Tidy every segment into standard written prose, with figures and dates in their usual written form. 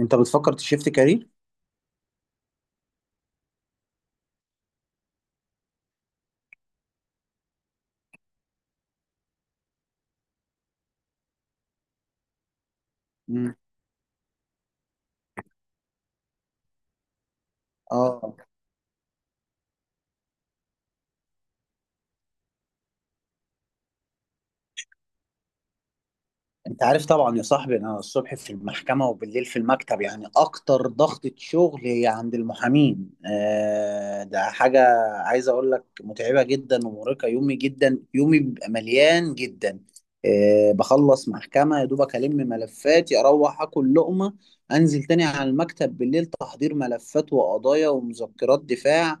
انت بتفكر تشيفت كارير؟ مم. اه انت عارف طبعا يا صاحبي، انا الصبح في المحكمه وبالليل في المكتب، يعني اكتر ضغطه شغل هي عند المحامين. ده حاجه عايز اقول لك متعبه جدا ومرهقه، يومي جدا، يومي بيبقى مليان جدا. بخلص محكمه يا دوبك ملفاتي، اروح اكل لقمه، انزل تاني على المكتب بالليل، تحضير ملفات وقضايا ومذكرات دفاع.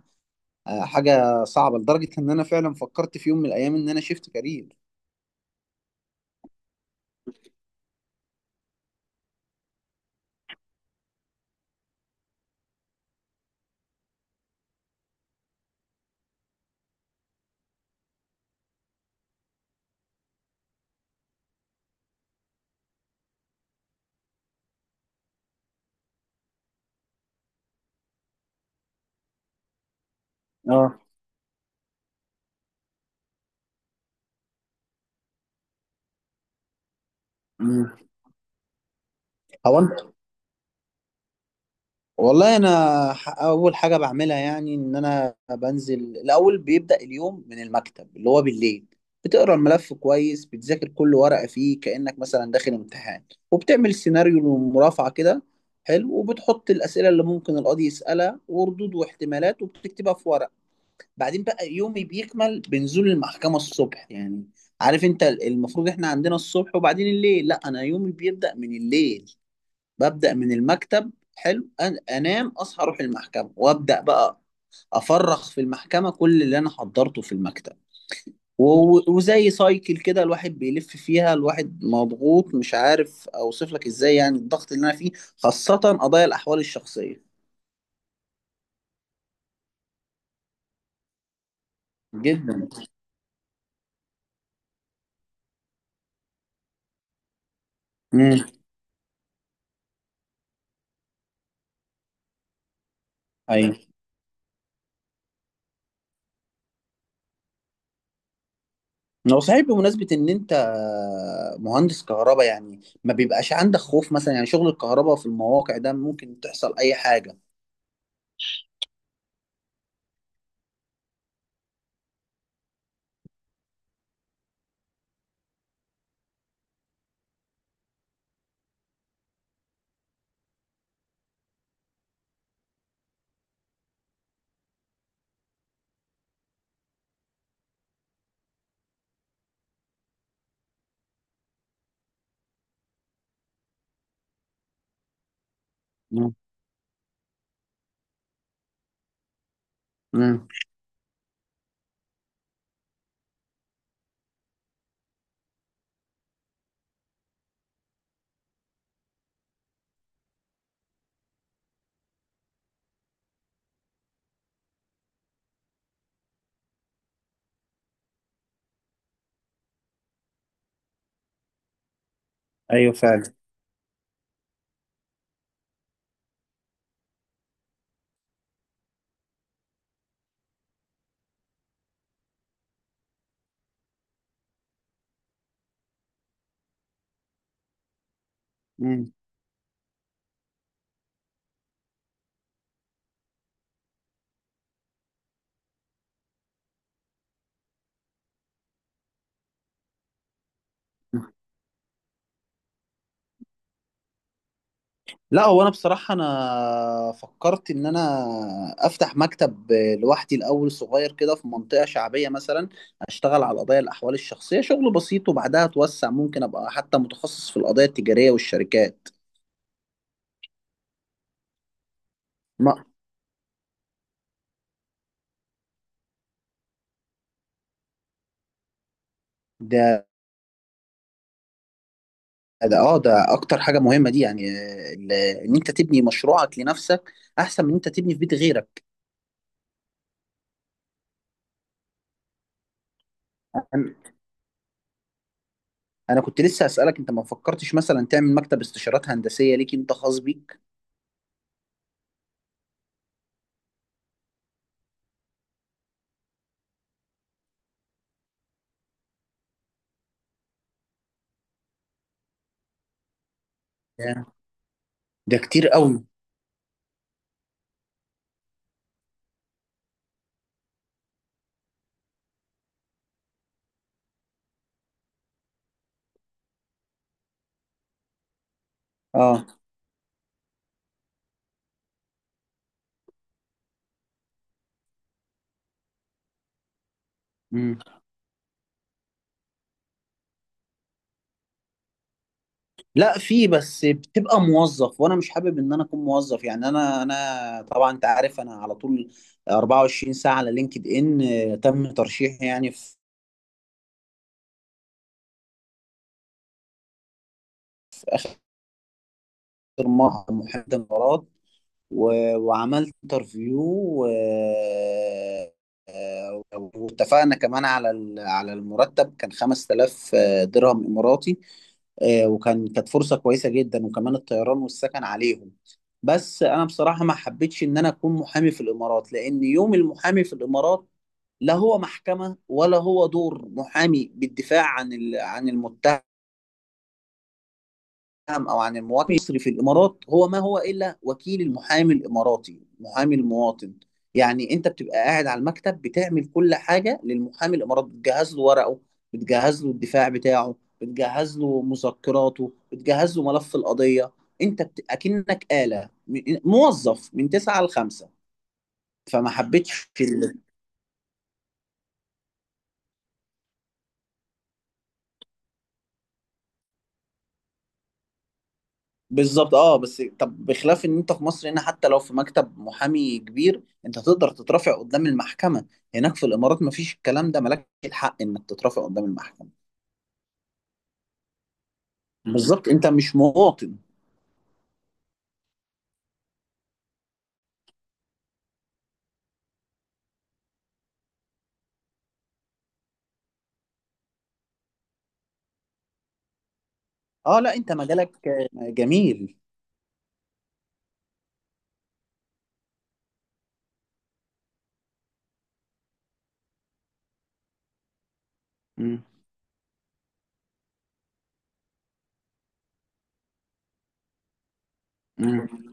حاجه صعبه لدرجه ان انا فعلا فكرت في يوم من الايام ان انا شيفت كارير. اه. مم. هو انت. والله انا اول حاجه بعملها، يعني ان انا بنزل الاول، بيبدا اليوم من المكتب اللي هو بالليل، بتقرا الملف كويس، بتذاكر كل ورقه فيه كانك مثلا داخل امتحان، وبتعمل سيناريو مرافعه كده حلو، وبتحط الاسئله اللي ممكن القاضي يسالها وردود واحتمالات، وبتكتبها في ورق. بعدين بقى يومي بيكمل بنزول المحكمه الصبح يعني، عارف انت المفروض احنا عندنا الصبح وبعدين الليل، لا انا يومي بيبدا من الليل، ببدأ من المكتب حلو. انام، اصحى اروح المحكمة وابدأ بقى افرغ في المحكمة كل اللي انا حضرته في المكتب. وزي سايكل كده الواحد بيلف فيها. الواحد مضغوط، مش عارف اوصف لك ازاي يعني الضغط اللي انا فيه، خاصة قضايا الاحوال الشخصية. جدا. امم. ايوه. هو صحيح، بمناسبة ان انت مهندس كهرباء، يعني ما بيبقاش عندك خوف مثلا؟ يعني شغل الكهرباء في المواقع ده ممكن تحصل اي حاجة. امم. أمم. ايوه فعلا. امم. لا، هو انا بصراحه انا فكرت ان انا افتح مكتب لوحدي الاول، صغير كده في منطقه شعبيه مثلا، اشتغل على القضايا الاحوال الشخصيه شغل بسيط، وبعدها اتوسع، ممكن ابقى حتى متخصص في القضايا التجاريه والشركات. ما ده ده اكتر حاجه مهمه دي، يعني ان انت تبني مشروعك لنفسك احسن من ان انت تبني في بيت غيرك. انا أنا كنت لسه اسالك، انت ما فكرتش مثلا تعمل مكتب استشارات هندسيه ليك انت خاص بيك؟ ده ده كتير قوي. اه لا، في، بس بتبقى موظف وانا مش حابب ان انا اكون موظف، يعني انا طبعا انت عارف انا على طول 24 ساعه على لينكد ان، تم ترشيحي يعني في محامي الامارات، وعملت انترفيو آه، واتفقنا كمان على على المرتب، كان 5000 درهم إماراتي. وكان، كانت فرصة كويسة جدا، وكمان الطيران والسكن عليهم. بس أنا بصراحة ما حبيتش إن أنا أكون محامي في الإمارات، لأن يوم المحامي في الإمارات لا هو محكمة ولا هو دور محامي بالدفاع عن عن المتهم السهم، او عن المواطن المصري في الامارات، هو ما هو الا وكيل المحامي الاماراتي، محامي المواطن. يعني انت بتبقى قاعد على المكتب بتعمل كل حاجه للمحامي الاماراتي، بتجهز له ورقه، بتجهز له الدفاع بتاعه، بتجهز له مذكراته، بتجهز له ملف القضيه. اكنك آلة، موظف من 9 ل 5. فما حبيتش. بالظبط اه. بس طب بخلاف ان انت في مصر هنا، حتى لو في مكتب محامي كبير انت تقدر تترافع قدام المحكمة. هناك في الامارات مفيش الكلام ده، مالك الحق انك تترافع قدام المحكمة. مم. بالظبط، انت مش مواطن. اه لا، انت مجالك جميل. مم. مم.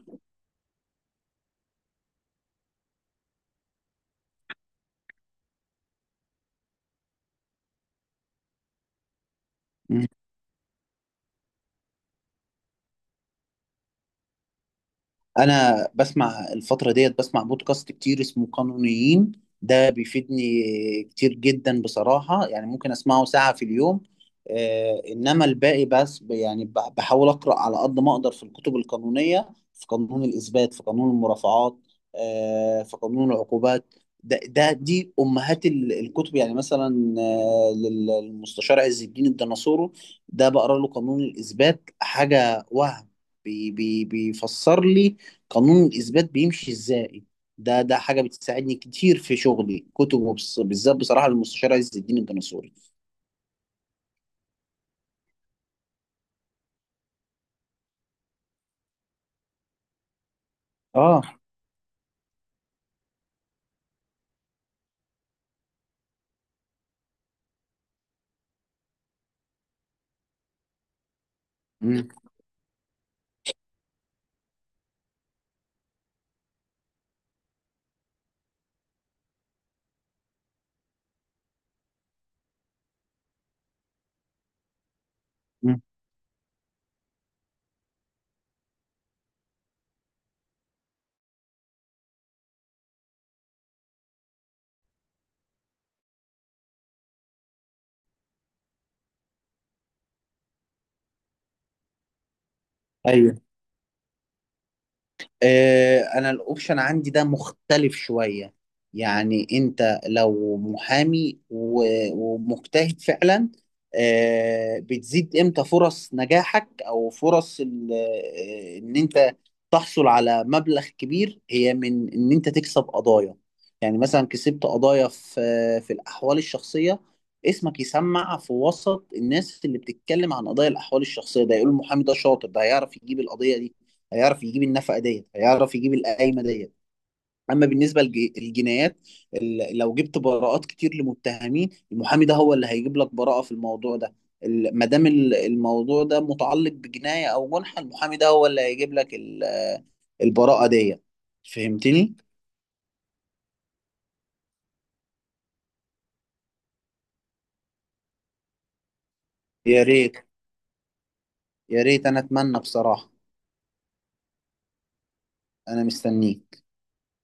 مم. انا بسمع الفتره ديت بسمع بودكاست كتير اسمه قانونيين، ده بيفيدني كتير جدا بصراحه، يعني ممكن اسمعه ساعه في اليوم. انما الباقي بس بحاول اقرا على قد ما اقدر في الكتب القانونيه، في قانون الاثبات، في قانون المرافعات، في قانون العقوبات. ده دي امهات الكتب، يعني مثلا للمستشار عز الدين الديناصورو، ده بقرا له قانون الاثبات حاجه وهم. بي بي بيفسر لي قانون الإثبات بيمشي إزاي. ده حاجة بتساعدني كتير في شغلي كتب، بالذات بصراحة للمستشار عز الدين الجناصوري. اه. مم. مم. ايوه. انا الاوبشن عندي ده مختلف شوية، يعني انت لو محامي ومجتهد فعلا، بتزيد امتى فرص نجاحك، او فرص ان انت تحصل على مبلغ كبير، هي من ان انت تكسب قضايا. يعني مثلا كسبت قضايا في الاحوال الشخصية، اسمك يسمع في وسط الناس اللي بتتكلم عن قضايا الاحوال الشخصية، ده يقول المحامي ده شاطر، ده هيعرف يجيب القضية دي، هيعرف يجيب النفقه ديت، هيعرف يجيب القايمه ديت. اما بالنسبه للجنايات، لو جبت براءات كتير لمتهمين، المحامي ده هو اللي هيجيب لك براءه في الموضوع ده. ما دام الموضوع ده متعلق بجنايه او جنحه، المحامي ده هو اللي هيجيب لك البراءه ديت. فهمتني؟ يا ريت. يا ريت انا اتمنى بصراحه. انا مستنيك.